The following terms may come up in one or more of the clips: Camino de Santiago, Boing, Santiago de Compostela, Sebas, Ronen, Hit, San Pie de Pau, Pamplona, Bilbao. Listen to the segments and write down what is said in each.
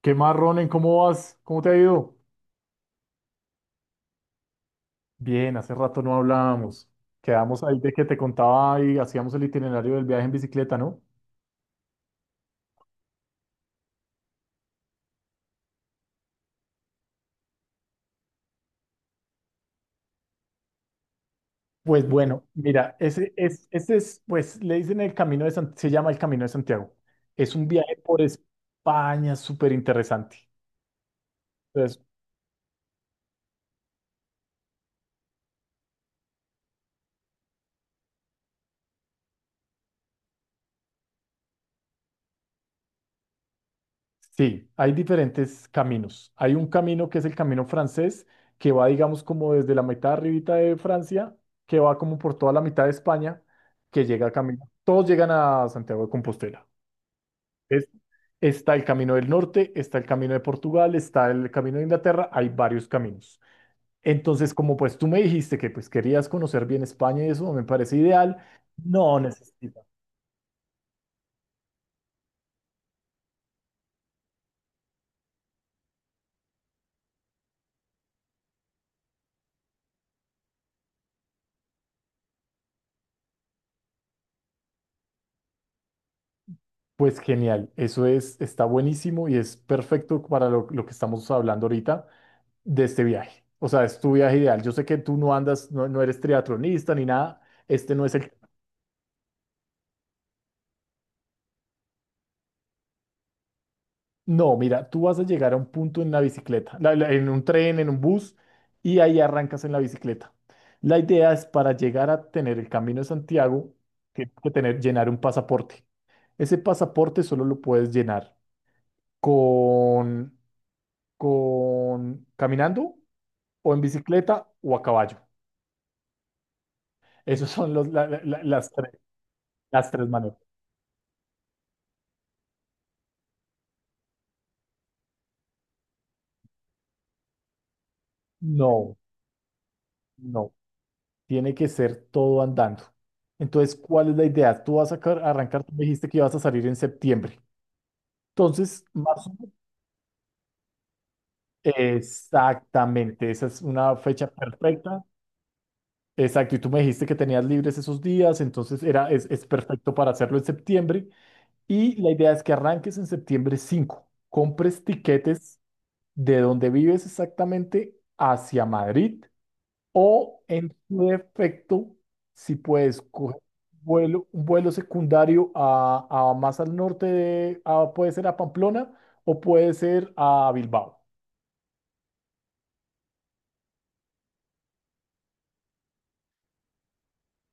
¿Qué más, Ronen? ¿Cómo vas? ¿Cómo te ha ido? Bien, hace rato no hablábamos. Quedamos ahí de que te contaba y hacíamos el itinerario del viaje en bicicleta, ¿no? Pues bueno, mira, pues le dicen el Camino de se llama el Camino de Santiago. Es un viaje por España súper interesante. Entonces. Sí, hay diferentes caminos. Hay un camino que es el camino francés, que va, digamos, como desde la mitad arribita de Francia, que va como por toda la mitad de España, que llega a camino. Todos llegan a Santiago de Compostela. Es- Está el camino del norte, está el camino de Portugal, está el camino de Inglaterra, hay varios caminos. Entonces, como pues tú me dijiste que pues querías conocer bien España y eso me parece ideal, no necesitas. Pues genial, eso es, está buenísimo y es perfecto para lo que estamos hablando ahorita de este viaje. O sea, es tu viaje ideal. Yo sé que tú no andas, no, no eres triatlonista ni nada. Este no es el. No, mira, tú vas a llegar a un punto en la bicicleta, en un tren, en un bus, y ahí arrancas en la bicicleta. La idea es para llegar a tener el Camino de Santiago, tienes que tener, llenar un pasaporte. Ese pasaporte solo lo puedes llenar con, con caminando o en bicicleta o a caballo. Esos son los, la- la- la- las tres maneras. No, no. Tiene que ser todo andando. Entonces, ¿cuál es la idea? Tú vas a arrancar, tú me dijiste que ibas a salir en septiembre. Entonces, marzo, exactamente, esa es una fecha perfecta. Exacto, y tú me dijiste que tenías libres esos días, entonces era, es perfecto para hacerlo en septiembre. Y la idea es que arranques en septiembre cinco, compres tiquetes de donde vives exactamente hacia Madrid. O en su defecto, si puedes coger vuelo, un vuelo secundario a, más al norte, puede ser a Pamplona o puede ser a Bilbao.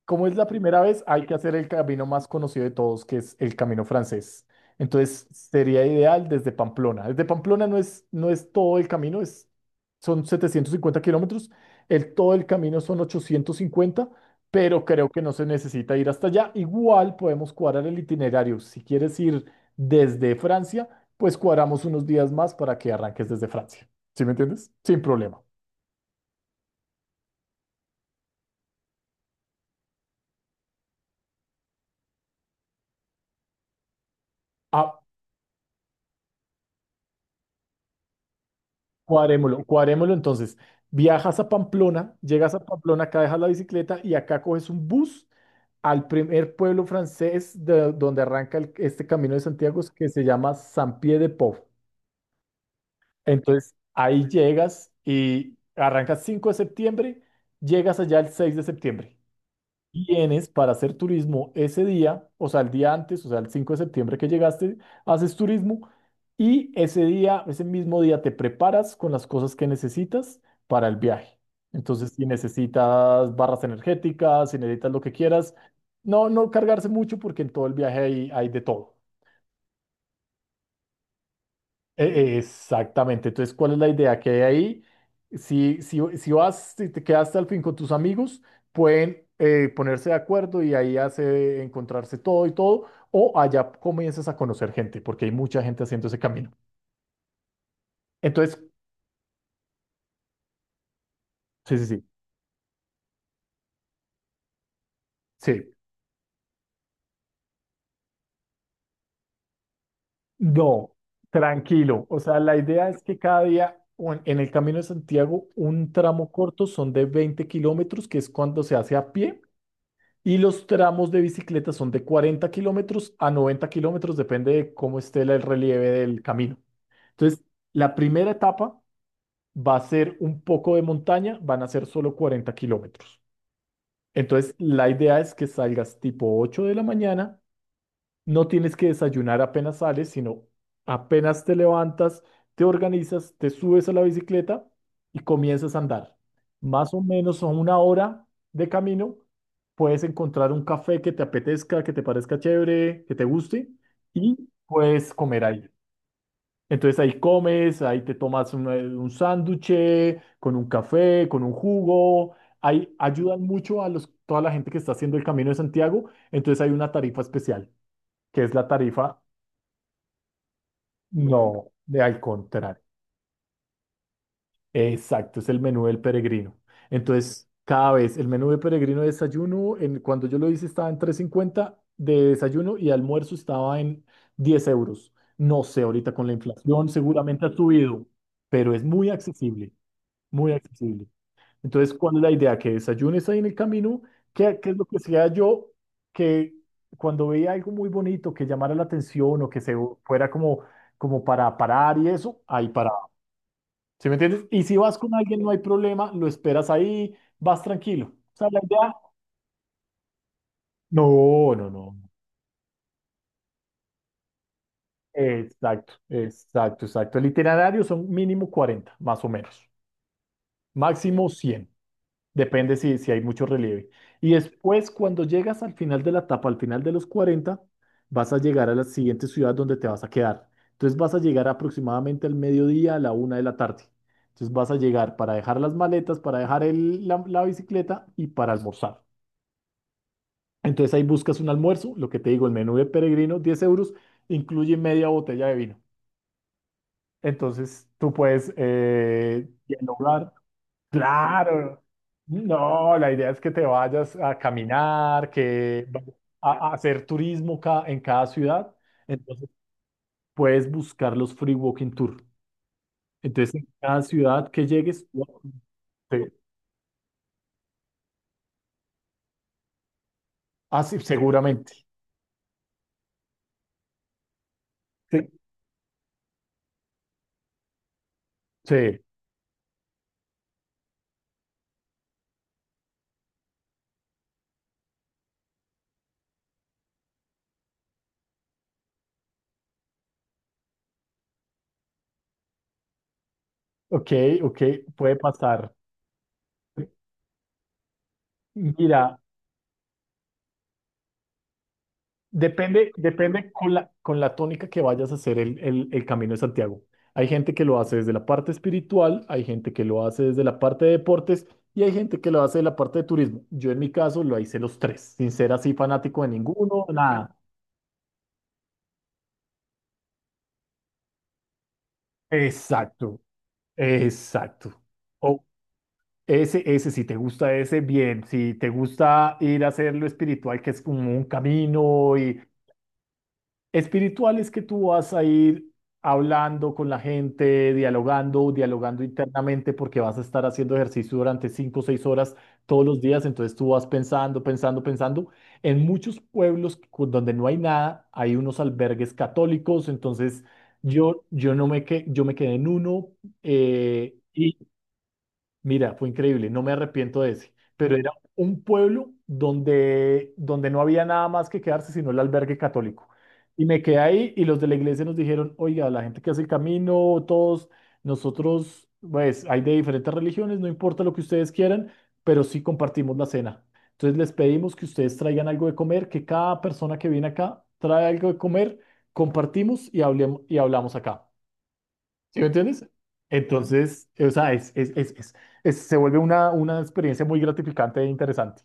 Como es la primera vez, hay que hacer el camino más conocido de todos, que es el camino francés. Entonces, sería ideal desde Pamplona. Desde Pamplona no es, todo el camino, son 750 kilómetros. Todo el camino son 850, pero creo que no se necesita ir hasta allá. Igual podemos cuadrar el itinerario. Si quieres ir desde Francia, pues cuadramos unos días más para que arranques desde Francia. ¿Sí me entiendes? Sin problema. Ah, Cuadrémoslo, entonces. Viajas a Pamplona, llegas a Pamplona, acá dejas la bicicleta y acá coges un bus al primer pueblo francés de donde arranca este Camino de Santiago, que se llama San Pie de Pau. Entonces ahí llegas y arrancas 5 de septiembre, llegas allá el 6 de septiembre. Vienes para hacer turismo ese día, o sea, el día antes, o sea, el 5 de septiembre que llegaste, haces turismo y ese día, ese mismo día te preparas con las cosas que necesitas para el viaje. Entonces, si necesitas barras energéticas, si necesitas lo que quieras, no cargarse mucho porque en todo el viaje hay, de todo. Exactamente. Entonces, ¿cuál es la idea que hay ahí? Si vas, si te quedas hasta el fin con tus amigos, pueden ponerse de acuerdo y ahí hace encontrarse todo y todo, o allá comienzas a conocer gente, porque hay mucha gente haciendo ese camino. Entonces, sí, sí, sí, sí. No, tranquilo. O sea, la idea es que cada día o en el Camino de Santiago, un tramo corto son de 20 kilómetros, que es cuando se hace a pie. Y los tramos de bicicleta son de 40 kilómetros a 90 kilómetros, depende de cómo esté el relieve del camino. Entonces, la primera etapa va a ser un poco de montaña, van a ser solo 40 kilómetros. Entonces, la idea es que salgas tipo 8 de la mañana. No tienes que desayunar apenas sales, sino apenas te levantas, te organizas, te subes a la bicicleta y comienzas a andar. Más o menos a una hora de camino, puedes encontrar un café que te apetezca, que te parezca chévere, que te guste y puedes comer ahí. Entonces ahí comes, ahí te tomas un sándwich con un café, con un jugo. Ahí ayudan mucho a toda la gente que está haciendo el Camino de Santiago. Entonces hay una tarifa especial que es la tarifa. No, de al contrario. Exacto, es el menú del peregrino. Entonces, cada vez el menú del peregrino de desayuno, cuando yo lo hice estaba en tres cincuenta de desayuno y almuerzo estaba en 10 euros. No sé, ahorita con la inflación seguramente ha subido, pero es muy accesible, muy accesible. Entonces, ¿cuál es la idea? Que desayunes ahí en el camino. ¿Qué, es lo que sea yo que cuando veía algo muy bonito que llamara la atención o que se fuera como para parar y eso, ahí para. ¿Sí me entiendes? Y si vas con alguien, no hay problema, lo esperas ahí, vas tranquilo. O sea, la idea. No, no, no. Exacto, exacto, exacto. El itinerario son mínimo 40, más o menos. Máximo 100. Depende si hay mucho relieve. Y después, cuando llegas al final de la etapa, al final de los 40, vas a llegar a la siguiente ciudad donde te vas a quedar. Entonces vas a llegar aproximadamente al mediodía, a la 1 de la tarde. Entonces vas a llegar para dejar las maletas, para dejar la bicicleta y para almorzar. Entonces ahí buscas un almuerzo, lo que te digo, el menú de peregrino, 10 euros, incluye media botella de vino. Entonces tú puedes dialogar. Claro. No, la idea es que te vayas a caminar, que vayas a, hacer turismo en cada ciudad. Entonces puedes buscar los free walking tour. Entonces en cada ciudad que llegues, te- ah, sí, seguramente. Sí. Sí. Ok, ok, puede pasar. Mira, depende con la tónica que vayas a hacer el Camino de Santiago. Hay gente que lo hace desde la parte espiritual, hay gente que lo hace desde la parte de deportes y hay gente que lo hace de la parte de turismo. Yo en mi caso lo hice los tres, sin ser así fanático de ninguno, nada. Exacto, exacto. O si te gusta ese, bien. Si te gusta ir a hacer lo espiritual, que es como un camino. Y espiritual es que tú vas a ir hablando con la gente, dialogando, dialogando internamente, porque vas a estar haciendo ejercicio durante 5 o 6 horas todos los días. Entonces tú vas pensando, pensando, pensando. En muchos pueblos donde no hay nada, hay unos albergues católicos. Entonces yo no me, que, yo me quedé en uno. eh, Mira, fue increíble, no me arrepiento de ese, pero era un pueblo donde, no había nada más que quedarse sino el albergue católico. Y me quedé ahí y los de la iglesia nos dijeron: oiga, la gente que hace el camino, todos nosotros, pues hay de diferentes religiones, no importa lo que ustedes quieran, pero sí compartimos la cena. Entonces les pedimos que ustedes traigan algo de comer, que cada persona que viene acá trae algo de comer, compartimos y hablemos, y hablamos acá. ¿Sí me entiendes? Entonces, o sea, se vuelve una experiencia muy gratificante e interesante.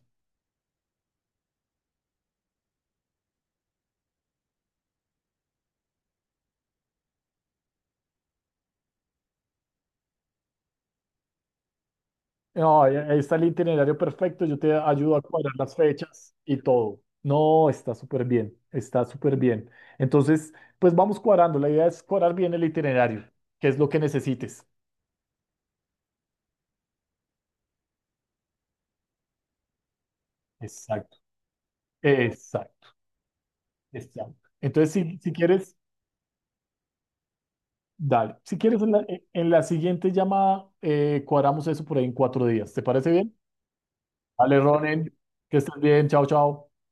No, ahí está el itinerario perfecto, yo te ayudo a cuadrar las fechas y todo. No, está súper bien, está súper bien. Entonces, pues vamos cuadrando, la idea es cuadrar bien el itinerario, que es lo que necesites. Exacto, exacto, exacto. Entonces, si quieres, dale. Si quieres, en la siguiente llamada, cuadramos eso por ahí en 4 días. ¿Te parece bien? Vale, Ronen, que estés bien, chao, chao.